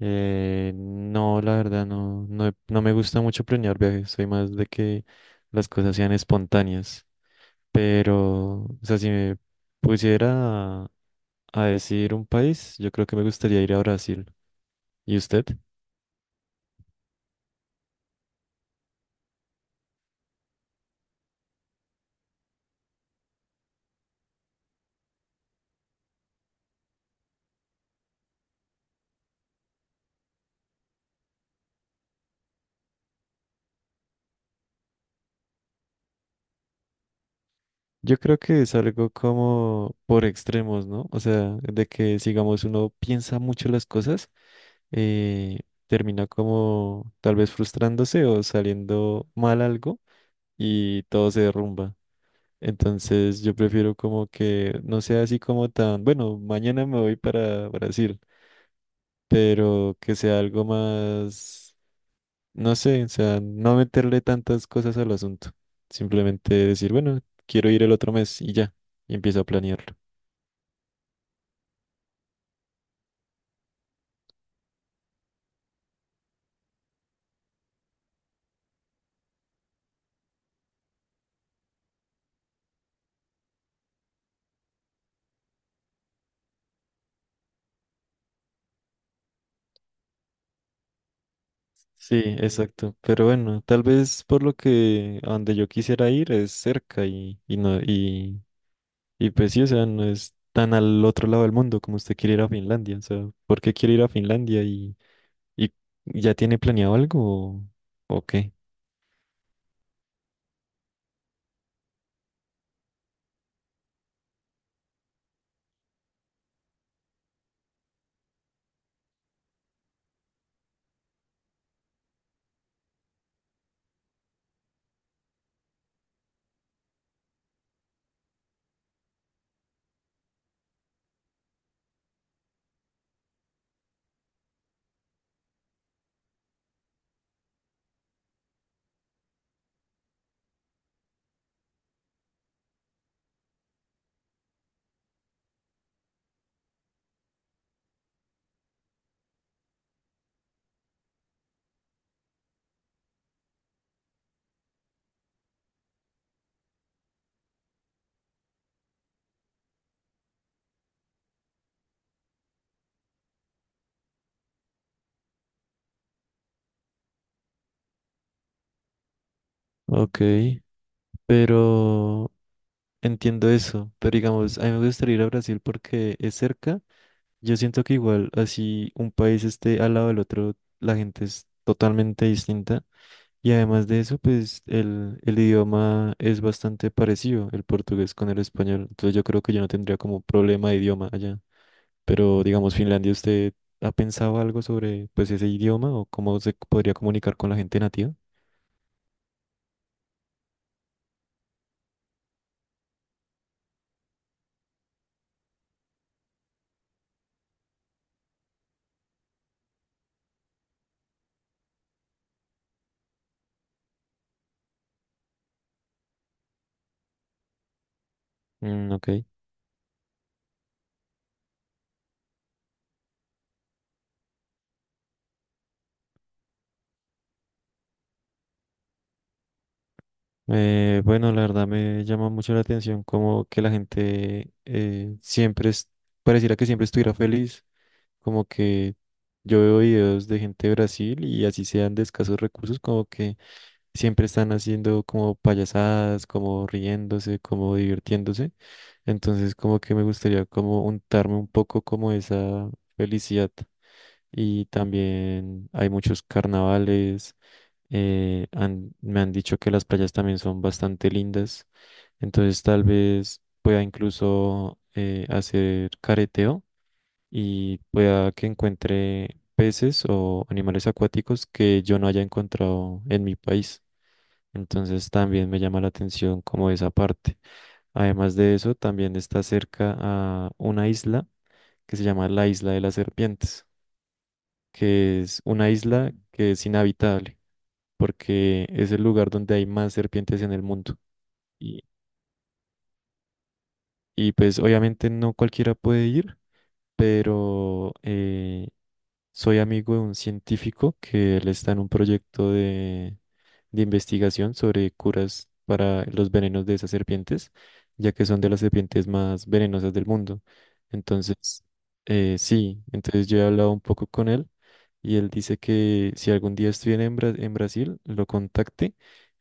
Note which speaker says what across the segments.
Speaker 1: No, la verdad, no me gusta mucho planear viajes, soy más de que las cosas sean espontáneas. Pero, o sea, si me pusiera a decir un país, yo creo que me gustaría ir a Brasil. ¿Y usted? Yo creo que es algo como por extremos, ¿no? O sea, de que, digamos, uno piensa mucho las cosas. eh, termina como tal vez frustrándose o saliendo mal algo y todo se derrumba. Entonces yo prefiero como que no sea así como tan, bueno, mañana me voy para Brasil, pero que sea algo más, no sé, o sea, no meterle tantas cosas al asunto. Simplemente decir, bueno, quiero ir el otro mes y ya, y empiezo a planearlo. Sí, exacto. Pero bueno, tal vez por lo que a donde yo quisiera ir es cerca y no, y pues sí, o sea, no es tan al otro lado del mundo como usted quiere ir a Finlandia. O sea, ¿por qué quiere ir a Finlandia y ya tiene planeado algo o, o qué? Ok, pero entiendo eso. Pero digamos, a mí me gustaría ir a Brasil porque es cerca. Yo siento que igual, así un país esté al lado del otro, la gente es totalmente distinta. Y además de eso, pues el idioma es bastante parecido, el portugués con el español. Entonces yo creo que yo no tendría como problema de idioma allá. Pero digamos, Finlandia, ¿usted ha pensado algo sobre pues ese idioma o cómo se podría comunicar con la gente nativa? Mm, ok. Bueno, la verdad me llama mucho la atención como que la gente siempre es, pareciera que siempre estuviera feliz, como que yo veo videos de gente de Brasil y así sean de escasos recursos, como que siempre están haciendo como payasadas, como riéndose, como divirtiéndose. Entonces, como que me gustaría como untarme un poco como esa felicidad. Y también hay muchos carnavales. Me han dicho que las playas también son bastante lindas. Entonces, tal vez pueda incluso hacer careteo y pueda que encuentre peces o animales acuáticos que yo no haya encontrado en mi país. Entonces también me llama la atención como esa parte. Además de eso, también está cerca a una isla que se llama la Isla de las Serpientes, que es una isla que es inhabitable porque es el lugar donde hay más serpientes en el mundo. Y, y pues obviamente no cualquiera puede ir, pero soy amigo de un científico que él está en un proyecto de investigación sobre curas para los venenos de esas serpientes, ya que son de las serpientes más venenosas del mundo. Entonces, sí, entonces yo he hablado un poco con él y él dice que si algún día estoy en, en Brasil, lo contacte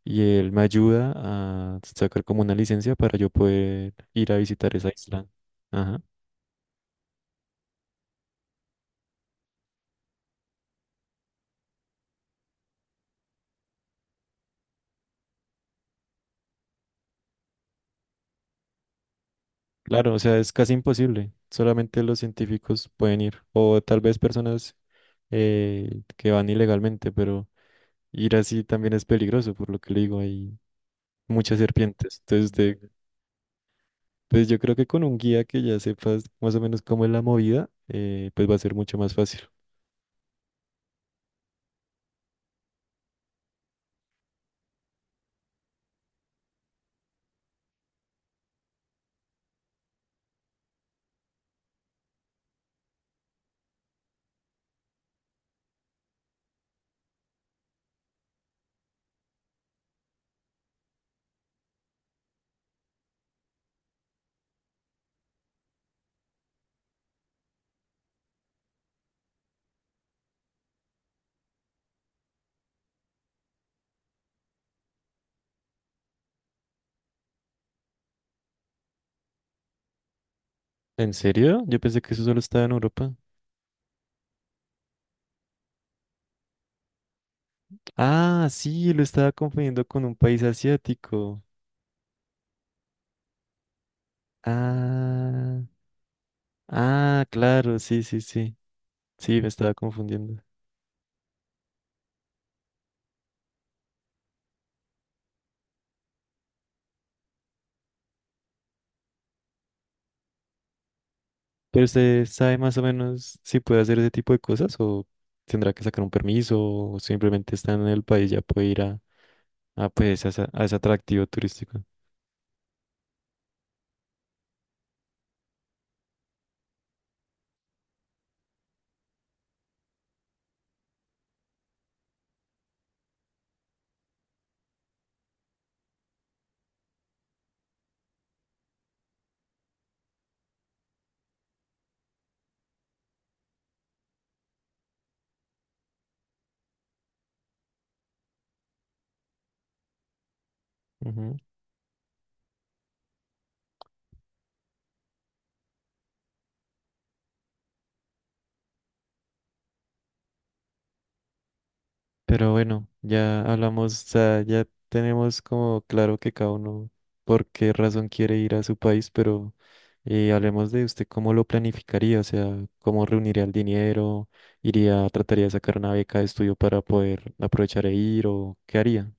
Speaker 1: y él me ayuda a sacar como una licencia para yo poder ir a visitar esa isla. Ajá. Claro, o sea, es casi imposible. Solamente los científicos pueden ir, o tal vez personas que van ilegalmente, pero ir así también es peligroso, por lo que le digo, hay muchas serpientes. Entonces, de- pues yo creo que con un guía que ya sepas más o menos cómo es la movida, pues va a ser mucho más fácil. ¿En serio? Yo pensé que eso solo estaba en Europa. Ah, sí, lo estaba confundiendo con un país asiático. Ah, ah, claro, sí, sí, sí. Sí, me estaba confundiendo. Pero usted sabe más o menos si puede hacer ese tipo de cosas o tendrá que sacar un permiso o simplemente está en el país ya puede ir a, pues, a, esa- a ese atractivo turístico. Ujú. Pero bueno, ya hablamos, o sea, ya tenemos como claro que cada uno por qué razón quiere ir a su país, pero hablemos de usted cómo lo planificaría, o sea, cómo reuniría el dinero, iría, trataría de sacar una beca de estudio para poder aprovechar e ir o qué haría.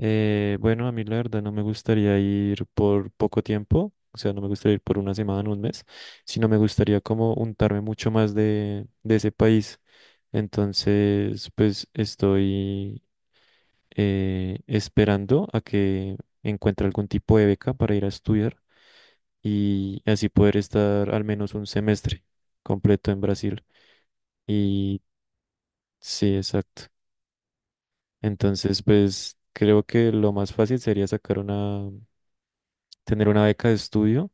Speaker 1: Bueno, a mí la verdad no me gustaría ir por poco tiempo, o sea, no me gustaría ir por una semana, un mes, sino me gustaría como untarme mucho más de ese país. Entonces, pues estoy esperando a que encuentre algún tipo de beca para ir a estudiar y así poder estar al menos un semestre completo en Brasil. Y sí, exacto. Entonces, pues creo que lo más fácil sería sacar una tener una beca de estudio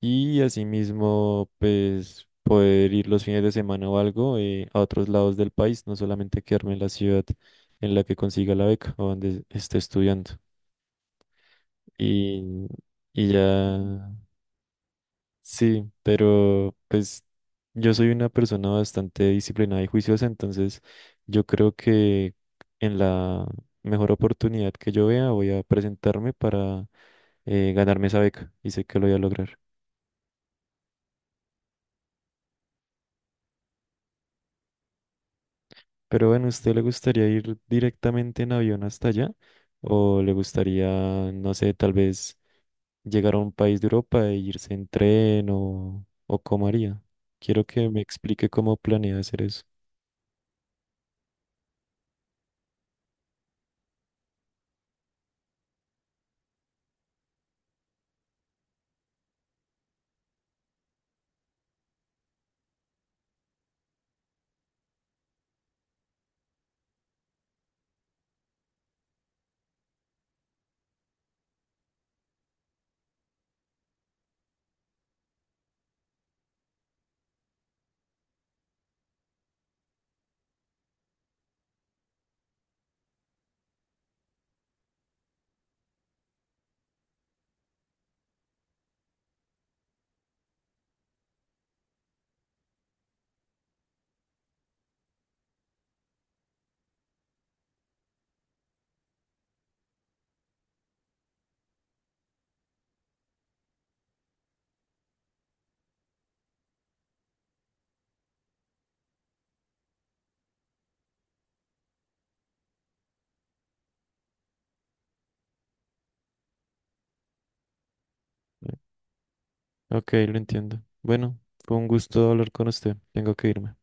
Speaker 1: y asimismo, pues poder ir los fines de semana o algo a otros lados del país, no solamente quedarme en la ciudad en la que consiga la beca o donde esté estudiando. Y, y ya, sí, pero pues yo soy una persona bastante disciplinada y juiciosa, entonces yo creo que en la mejor oportunidad que yo vea voy a presentarme para ganarme esa beca y sé que lo voy a lograr. Pero bueno, ¿usted le gustaría ir directamente en avión hasta allá? ¿O le gustaría, no sé, tal vez llegar a un país de Europa e irse en tren o cómo haría? Quiero que me explique cómo planea hacer eso. Ok, lo entiendo. Bueno, fue un gusto hablar con usted. Tengo que irme.